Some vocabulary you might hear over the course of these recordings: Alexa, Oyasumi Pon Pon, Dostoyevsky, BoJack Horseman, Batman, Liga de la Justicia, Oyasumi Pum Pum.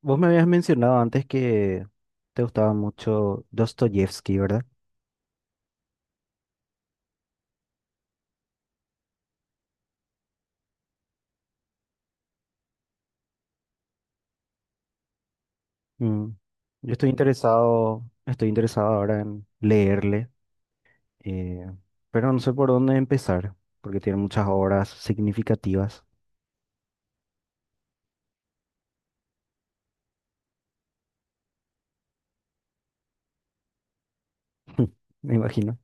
Vos me habías mencionado antes que te gustaba mucho Dostoyevsky, ¿verdad? Mm. Yo estoy interesado, ahora en leerle, eh, pero no sé por dónde empezar, porque tiene muchas obras significativas. Me imagino.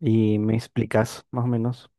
Y me explicas más o menos.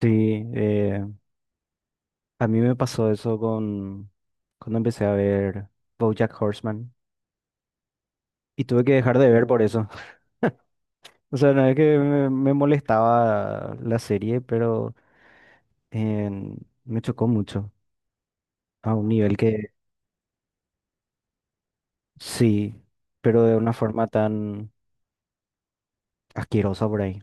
Sí, eh, a mí me pasó eso con cuando empecé a ver BoJack Horseman y tuve que dejar de ver por eso. O sea, no es que me molestaba la serie, pero en- me chocó mucho, a un nivel que sí, pero de una forma tan asquerosa por ahí.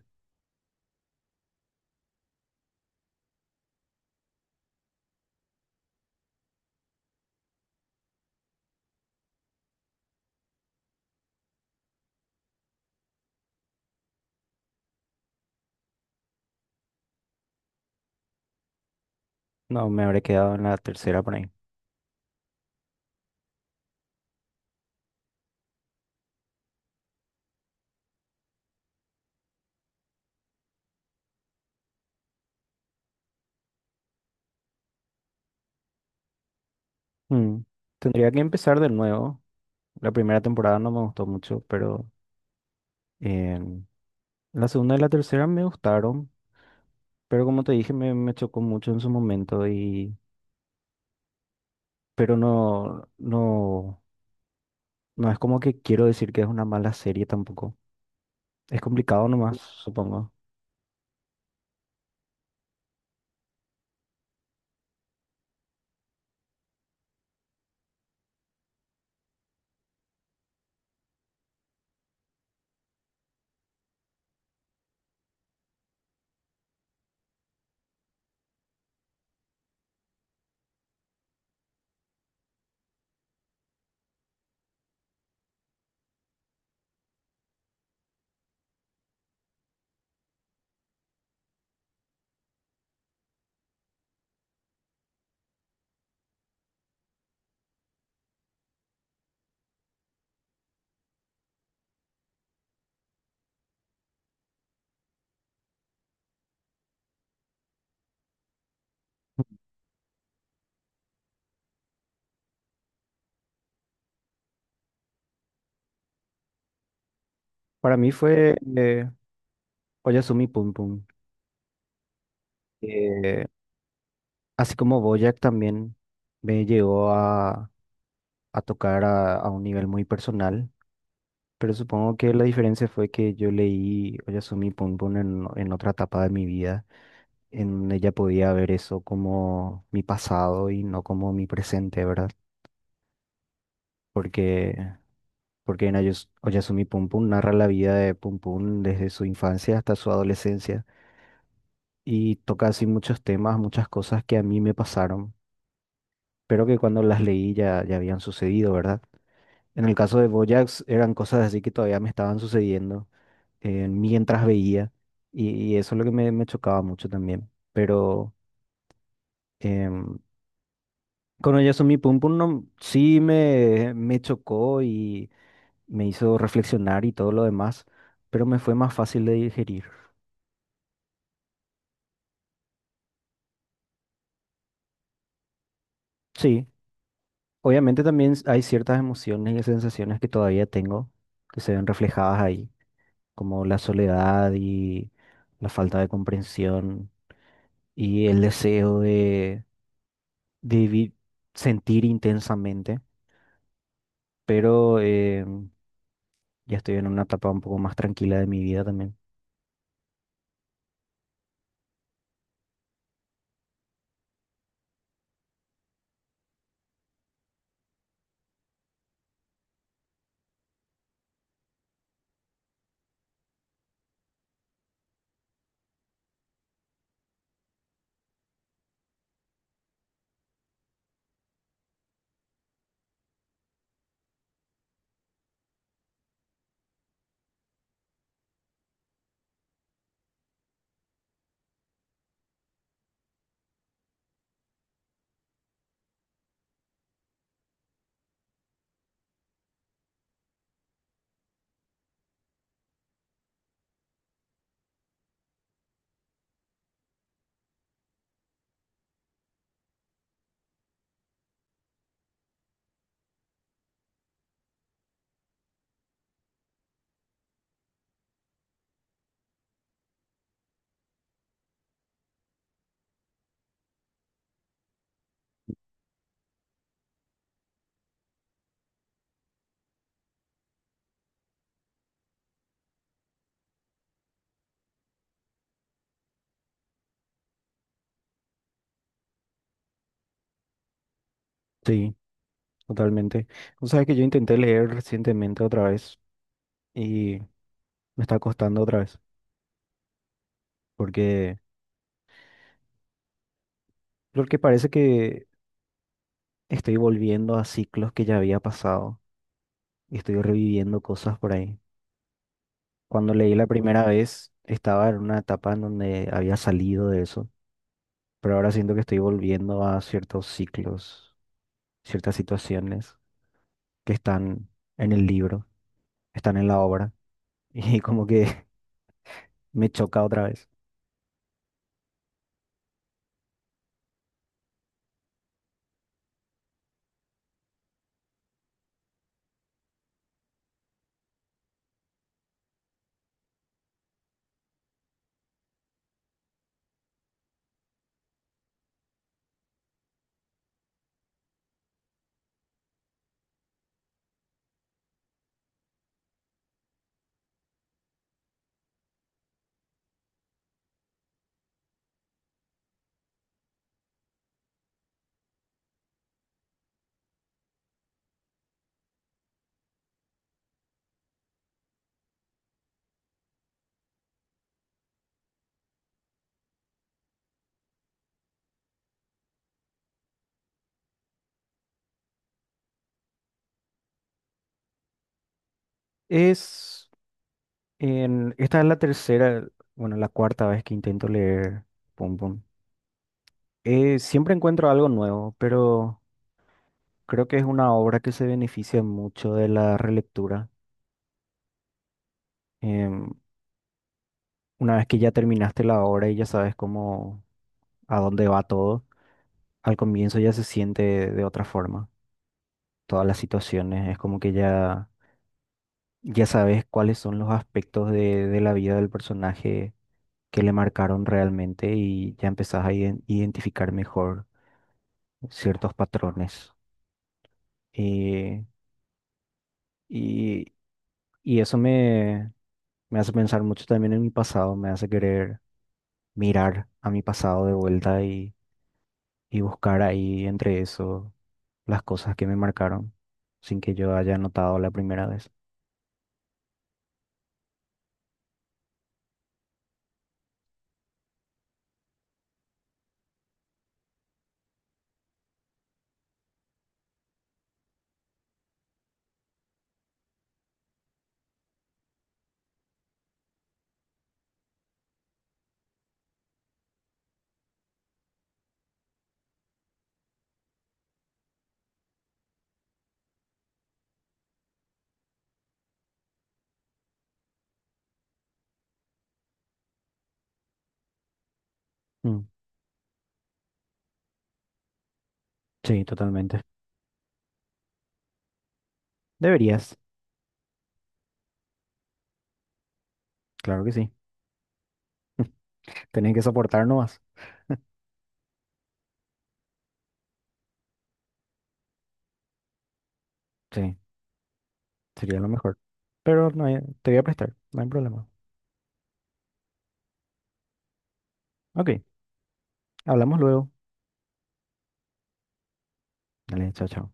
No, me habré quedado en la tercera por ahí. Mm, tendría que empezar de nuevo. La primera temporada no me gustó mucho, pero em, la segunda y la tercera me gustaron, pero como te dije, me chocó mucho en su momento y... Pero no, no es como que quiero decir que es una mala serie tampoco. Es complicado nomás, supongo. Para mí fue Oyasumi Pum Pum. Eh, así como BoJack también me llegó a tocar a un nivel muy personal, pero supongo que la diferencia fue que yo leí Oyasumi Pon Pon en otra etapa de mi vida. En ella podía ver eso como mi pasado y no como mi presente, ¿verdad? Porque, porque en Oyasumi Pon Pon narra la vida de Pum Pum desde su infancia hasta su adolescencia y toca así muchos temas, muchas cosas que a mí me pasaron, pero que cuando las leí ya habían sucedido, ¿verdad? En el caso de BoJack eran cosas así que todavía me estaban sucediendo mientras veía y, y eso es lo que me chocaba mucho también. Pero em, con Oyasumi Pum Pum no, sí me chocó y me hizo reflexionar y todo lo demás, pero me fue más fácil de digerir. Sí, obviamente también hay ciertas emociones y sensaciones que todavía tengo que se ven reflejadas ahí, como la soledad y la falta de comprensión y el deseo de debí sentir intensamente, pero ya estoy en una etapa un poco más tranquila de mi vida también. Sí, totalmente. O sea, que yo intenté leer recientemente otra vez y me está costando otra vez, porque porque parece que estoy volviendo a ciclos que ya había pasado y estoy reviviendo cosas por ahí. Cuando leí la primera vez, estaba en una etapa en donde había salido de eso, pero ahora siento que estoy volviendo a ciertos ciclos, ciertas situaciones que están en el libro, están en la obra, y como que me choca otra vez. Es esta es la tercera, bueno, la cuarta vez que intento leer Pum Pum. Siempre encuentro algo nuevo, pero creo que es una obra que se beneficia mucho de la relectura. Em, una vez que ya terminaste la obra y ya sabes cómo, a dónde va todo, al comienzo ya se siente de otra forma. Todas las situaciones, es como que ya sabes cuáles son los aspectos de la vida del personaje que le marcaron realmente y ya empezás a identificar mejor ciertos patrones. Eh, y, y eso me hace pensar mucho también en mi pasado, me hace querer mirar a mi pasado de vuelta y buscar ahí entre eso las cosas que me marcaron sin que yo haya notado la primera vez. Mm, sí, totalmente. Deberías, claro que sí. Tenés que soportar nomás. Sí. Sería lo mejor. Pero no hay- te voy a prestar, no hay problema. Ok, hablamos luego. Dale, chao, chao.